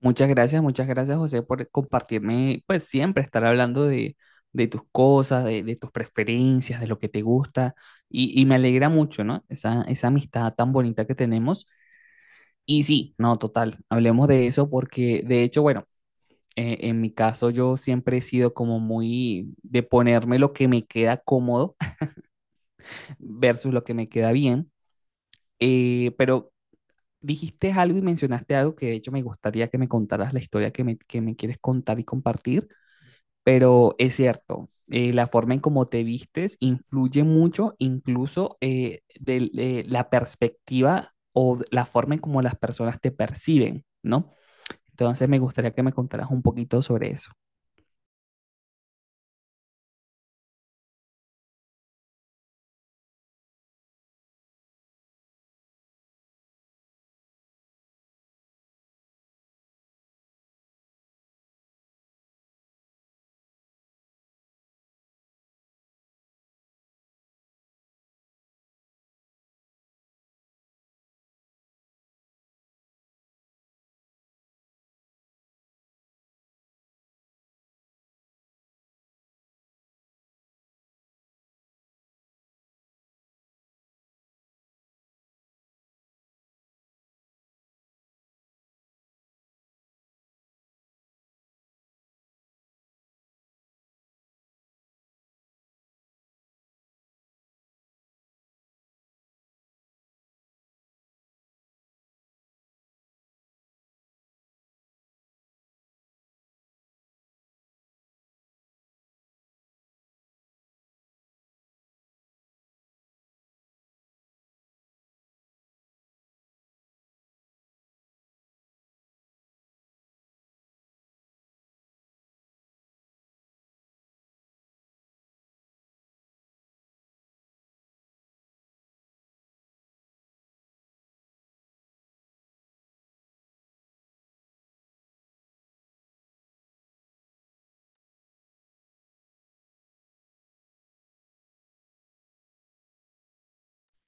Muchas gracias José por compartirme, pues siempre estar hablando de tus cosas, de tus preferencias, de lo que te gusta y me alegra mucho, ¿no? Esa amistad tan bonita que tenemos. Y sí, no, total, hablemos de eso porque de hecho, bueno, en mi caso yo siempre he sido como muy de ponerme lo que me queda cómodo versus lo que me queda bien, pero dijiste algo y mencionaste algo que de hecho me gustaría que me contaras la historia que me quieres contar y compartir. Pero es cierto, la forma en cómo te vistes influye mucho, incluso de la perspectiva o de la forma en cómo las personas te perciben, ¿no? Entonces me gustaría que me contaras un poquito sobre eso.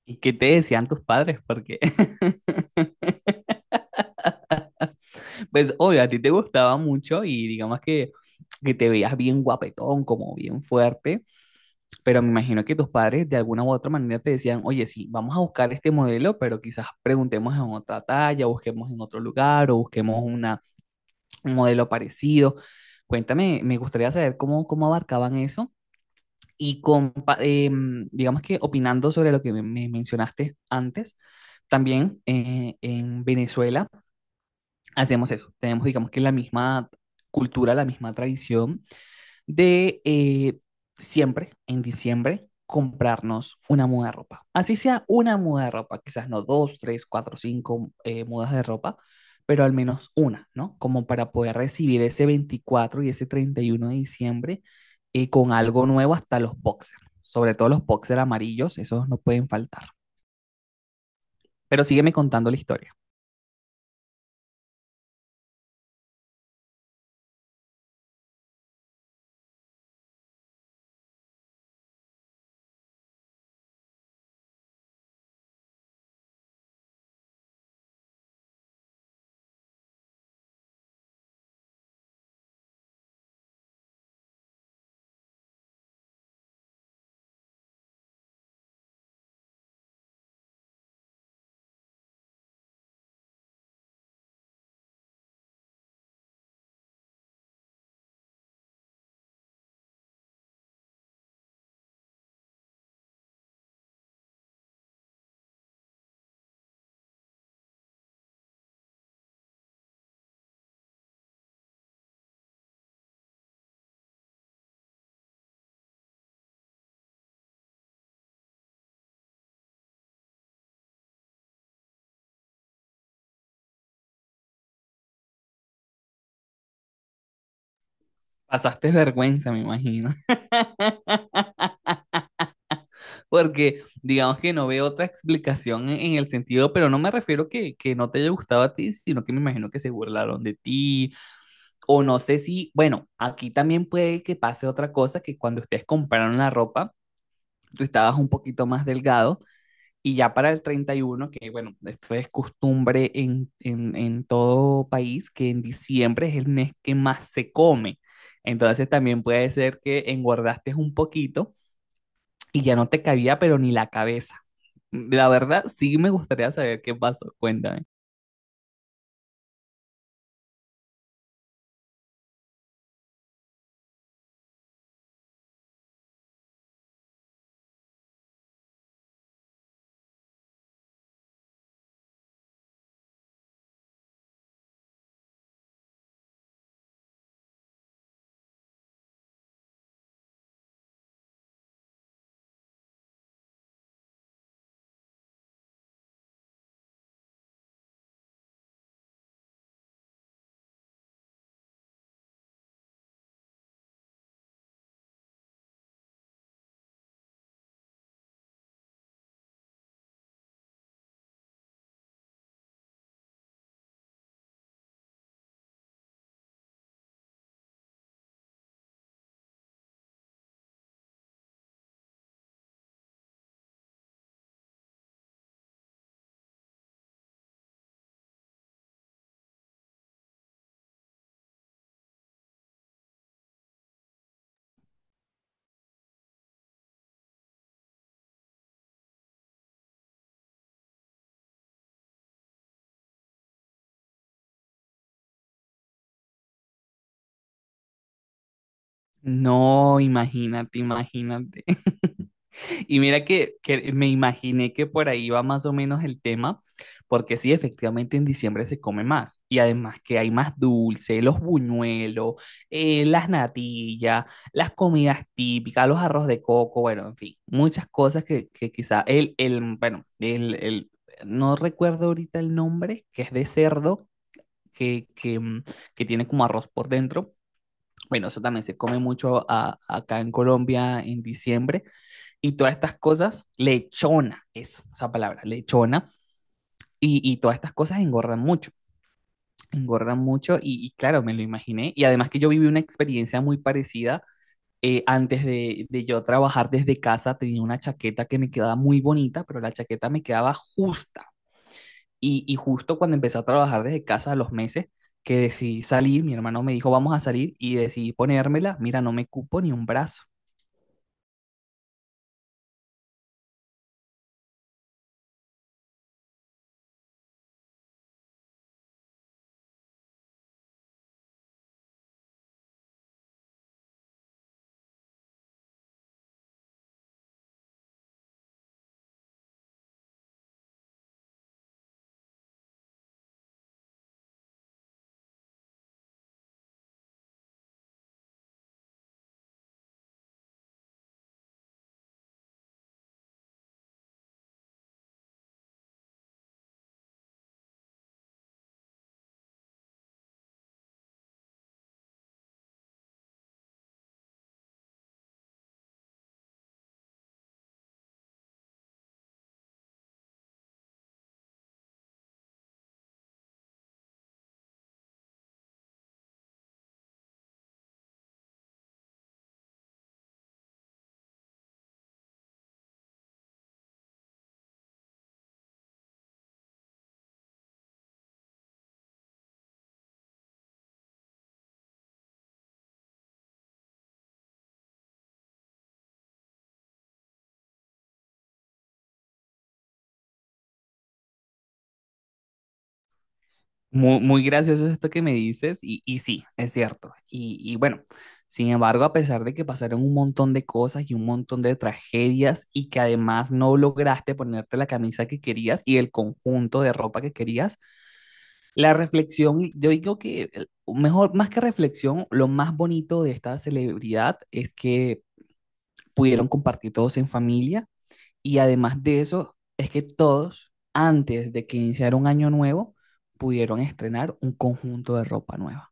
¿Y qué te decían tus padres? Porque pues, obvio, a ti te gustaba mucho y digamos que te veías bien guapetón, como bien fuerte, pero me imagino que tus padres de alguna u otra manera te decían, oye, sí, vamos a buscar este modelo, pero quizás preguntemos en otra talla, busquemos en otro lugar o busquemos un modelo parecido. Cuéntame, me gustaría saber cómo, cómo abarcaban eso y digamos que opinando sobre lo que me mencionaste antes. También en Venezuela hacemos eso. Tenemos, digamos que la misma cultura, la misma tradición de siempre, en diciembre, comprarnos una muda de ropa. Así sea una muda de ropa, quizás no dos, tres, cuatro, cinco mudas de ropa, pero al menos una, ¿no? Como para poder recibir ese 24 y ese 31 de diciembre con algo nuevo hasta los boxers, sobre todo los boxers amarillos, esos no pueden faltar. Pero sígueme contando la historia. Pasaste vergüenza, me imagino, porque digamos que no veo otra explicación en el sentido, pero no me refiero que no te haya gustado a ti, sino que me imagino que se burlaron de ti. O no sé si, bueno, aquí también puede que pase otra cosa, que cuando ustedes compraron la ropa, tú estabas un poquito más delgado y ya para el 31 que bueno, esto es costumbre en todo país, que en diciembre es el mes que más se come. Entonces también puede ser que engordaste un poquito y ya no te cabía, pero ni la cabeza. La verdad, sí me gustaría saber qué pasó. Cuéntame. No, imagínate, imagínate. Y mira que me imaginé que por ahí va más o menos el tema, porque sí, efectivamente en diciembre se come más. Y además que hay más dulce, los buñuelos, las natillas, las comidas típicas, los arroz de coco, bueno, en fin, muchas cosas que quizá bueno, no recuerdo ahorita el nombre, que es de cerdo, que, que, mm, que tiene como arroz por dentro, bueno, eso también se come mucho acá en Colombia en diciembre. Y todas estas cosas, lechona es esa palabra, lechona. Y todas estas cosas engordan mucho, engordan mucho. Y claro, me lo imaginé. Y además que yo viví una experiencia muy parecida. Antes de yo trabajar desde casa, tenía una chaqueta que me quedaba muy bonita, pero la chaqueta me quedaba justa y justo cuando empecé a trabajar desde casa a los meses, que decidí salir, mi hermano me dijo, vamos a salir, y decidí ponérmela, mira, no me cupo ni un brazo. Muy, muy gracioso es esto que me dices, y sí, es cierto. Y bueno, sin embargo, a pesar de que pasaron un montón de cosas y un montón de tragedias, y que además no lograste ponerte la camisa que querías y el conjunto de ropa que querías, la reflexión, yo digo que mejor, más que reflexión, lo más bonito de esta celebridad es que pudieron compartir todos en familia y además de eso es que todos, antes de que iniciara un año nuevo, pudieron estrenar un conjunto de ropa nueva.